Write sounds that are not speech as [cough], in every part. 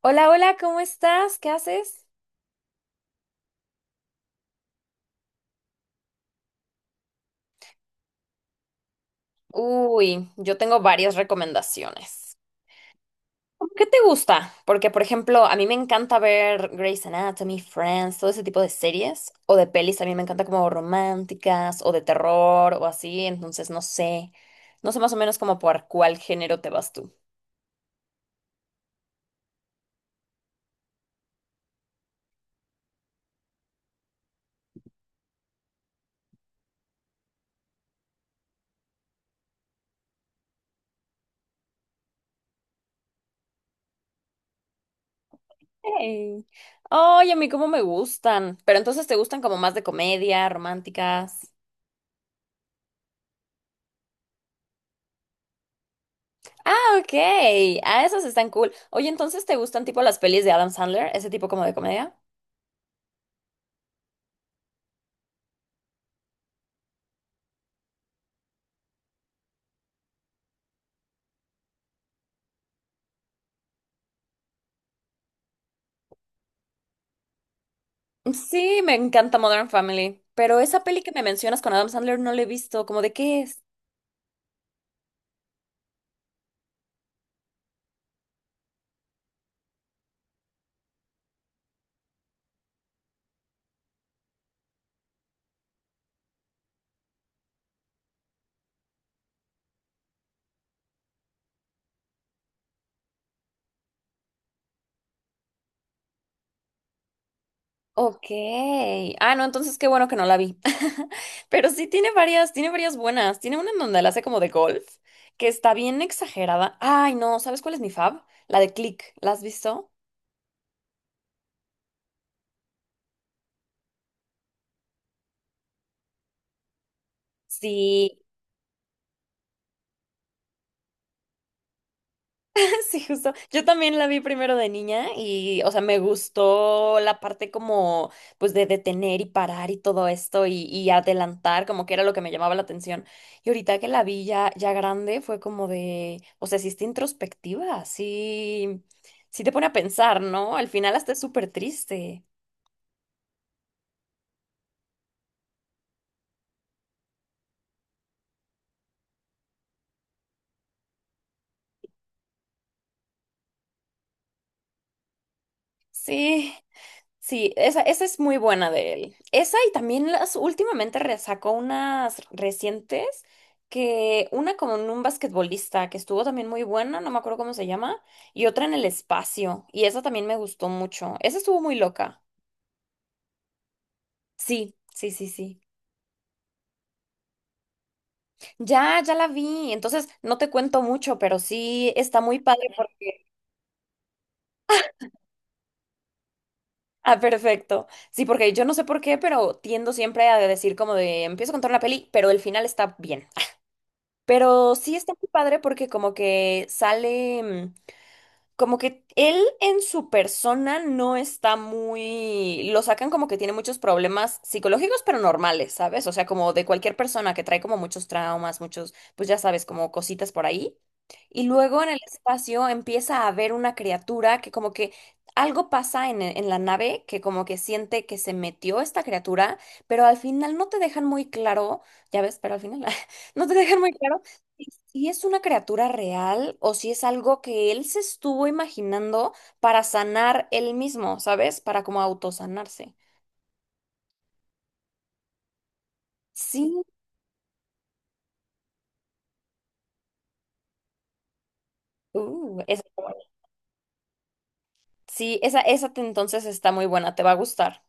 Hola, hola, ¿cómo estás? ¿Qué haces? Uy, yo tengo varias recomendaciones. ¿Qué te gusta? Porque, por ejemplo, a mí me encanta ver Grey's Anatomy, Friends, todo ese tipo de series o de pelis. A mí me encanta como románticas o de terror o así. Entonces, no sé. No sé más o menos como por cuál género te vas tú. Hey. Ay, a mí cómo me gustan. Pero entonces, ¿te gustan como más de comedia, románticas? Ah, ok. Ah, esas están cool. Oye, entonces, ¿te gustan tipo las pelis de Adam Sandler? Ese tipo como de comedia. Sí, me encanta Modern Family, pero esa peli que me mencionas con Adam Sandler no la he visto, ¿cómo de qué es? Ok. Ah, no, entonces qué bueno que no la vi. [laughs] Pero sí tiene varias buenas. Tiene una en donde la hace como de golf, que está bien exagerada. Ay, no, ¿sabes cuál es mi fab? La de Click. ¿La has visto? Sí. Sí, justo. Yo también la vi primero de niña y, o sea, me gustó la parte como, pues, de detener y parar y todo esto y adelantar, como que era lo que me llamaba la atención. Y ahorita que la vi ya, ya grande, fue como de, o sea, sí está introspectiva, sí, sí te pone a pensar, ¿no? Al final hasta es súper triste. Sí. Sí, esa es muy buena de él. Esa y también las últimamente re- sacó unas recientes que una con un basquetbolista que estuvo también muy buena, no me acuerdo cómo se llama, y otra en el espacio, y esa también me gustó mucho. Esa estuvo muy loca. Sí, sí, sí, sí. Ya, ya la vi. Entonces, no te cuento mucho, pero sí está muy padre porque [laughs] Ah, perfecto. Sí, porque yo no sé por qué, pero tiendo siempre a decir como de empiezo a contar una peli, pero el final está bien. Pero sí está muy padre porque como que sale, como que él en su persona no está muy, lo sacan como que tiene muchos problemas psicológicos, pero normales, ¿sabes? O sea, como de cualquier persona que trae como muchos traumas, muchos, pues ya sabes, como cositas por ahí. Y luego en el espacio empieza a ver una criatura que como que algo pasa en la nave que como que siente que se metió esta criatura, pero al final no te dejan muy claro, ya ves, pero al final [laughs] no te dejan muy claro si es una criatura real o si es algo que él se estuvo imaginando para sanar él mismo, ¿sabes? Para como autosanarse. Sí, esa, está buena. Sí, esa te- entonces está muy buena, te va a gustar.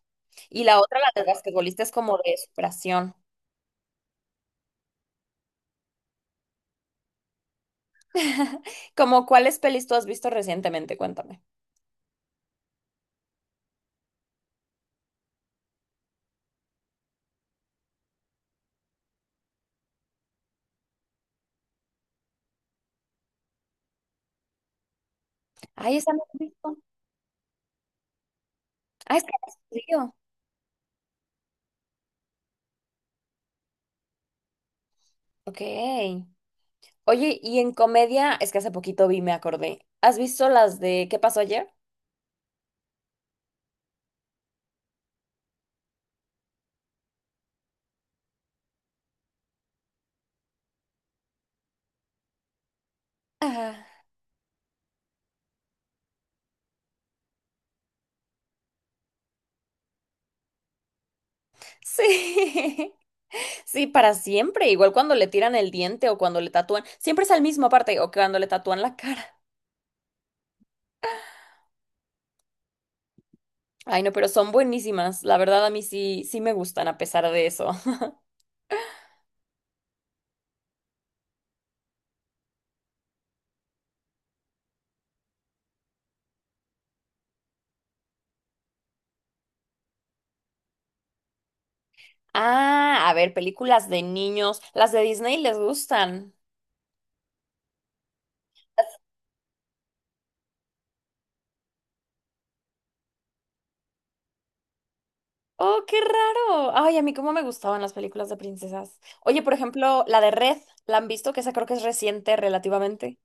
Y la otra, la del basquetbolista, es como de superación. [laughs] Como cuáles pelis tú has visto recientemente, cuéntame. Ay, esa no la he visto. Ah, es que hace frío. Ok. Oye, y en comedia, es que hace poquito vi, me acordé. ¿Has visto las de ¿Qué pasó ayer? Ajá. Sí, [laughs] sí, para siempre. Igual cuando le tiran el diente o cuando le tatúan, siempre es al mismo aparte, o cuando le tatúan la cara. Ay, no, pero son buenísimas. La verdad, a mí sí, sí me gustan a pesar de eso. [laughs] Ah, a ver, películas de niños. Las de Disney les gustan. Oh, qué raro. Ay, a mí cómo me gustaban las películas de princesas. Oye, por ejemplo, la de Red, ¿la han visto? Que esa creo que es reciente relativamente.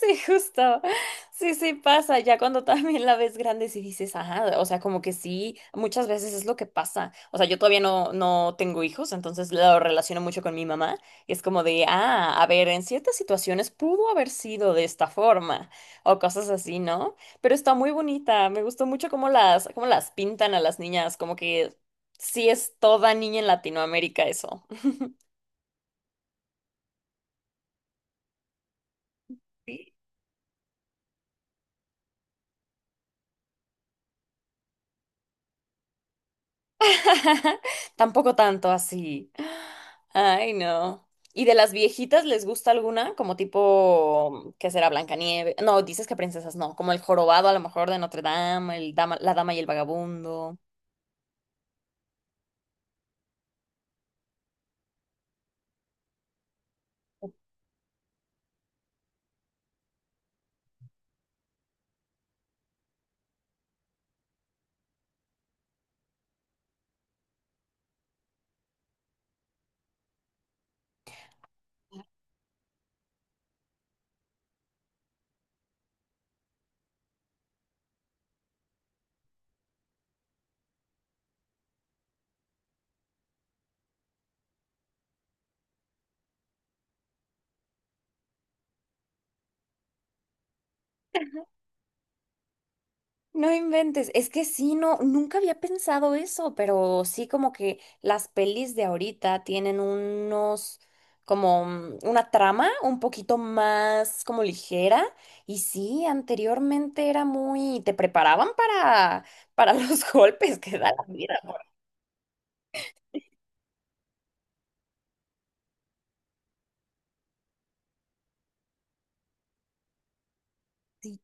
Sí, justo. Sí, sí pasa. Ya cuando también la ves grande, sí dices, ajá, o sea, como que sí, muchas veces es lo que pasa. O sea, yo todavía no, no tengo hijos, entonces lo relaciono mucho con mi mamá. Y es como de, ah, a ver, en ciertas situaciones pudo haber sido de esta forma o cosas así, ¿no? Pero está muy bonita. Me gustó mucho cómo las pintan a las niñas, como que sí es toda niña en Latinoamérica eso. [laughs] Tampoco tanto así. Ay, no. ¿Y de las viejitas les gusta alguna? Como tipo, ¿qué será? Blancanieves. No, dices que princesas no. Como el jorobado, a lo mejor, de Notre Dame, el dama, la dama y el vagabundo. No inventes, es que sí, no, nunca había pensado eso, pero sí como que las pelis de ahorita tienen unos, como una trama un poquito más como ligera y sí, anteriormente era muy, te preparaban para [laughs] los golpes que da la vida. Por ti.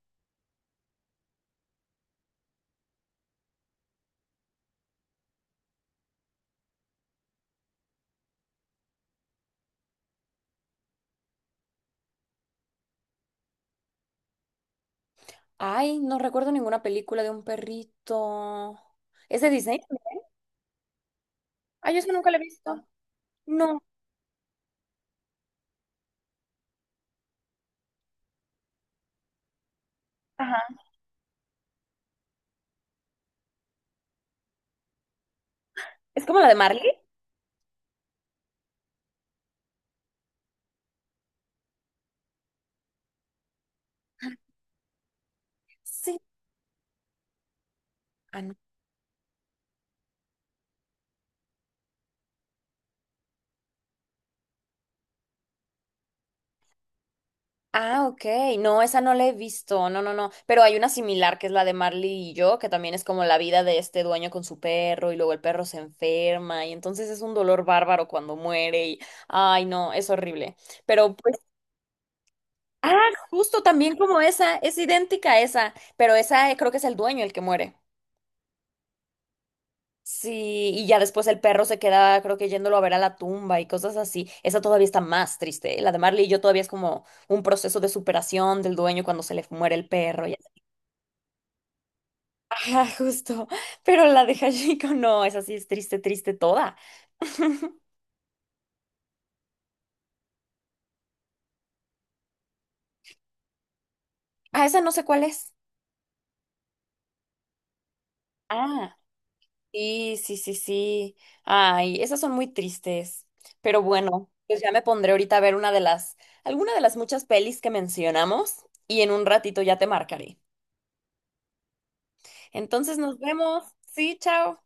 Ay, no recuerdo ninguna película de un perrito. ¿Es de Disney? Ay, yo eso nunca la he visto. No, ajá. ¿Es como la de Marley? Sí. Ah, ok. No, esa no la he visto. No, no, no. Pero hay una similar que es la de Marley y yo, que también es como la vida de este dueño con su perro y luego el perro se enferma y entonces es un dolor bárbaro cuando muere y, ay, no, es horrible. Pero pues, ah, justo también como esa, es idéntica a esa, pero esa creo que es el dueño el que muere. Sí, y ya después el perro se queda, creo que yéndolo a ver a la tumba y cosas así. Esa todavía está más triste, ¿eh? La de Marley y yo todavía es como un proceso de superación del dueño cuando se le muere el perro. Ah, justo. Pero la de Hashiko no, esa sí es triste, triste toda. Ah, esa no sé cuál es. Ah, sí, sí, sí, sí. Ay, esas son muy tristes. Pero bueno, pues ya me pondré ahorita a ver una de las, alguna de las muchas pelis que mencionamos y en un ratito ya te marcaré. Entonces nos vemos. Sí, chao.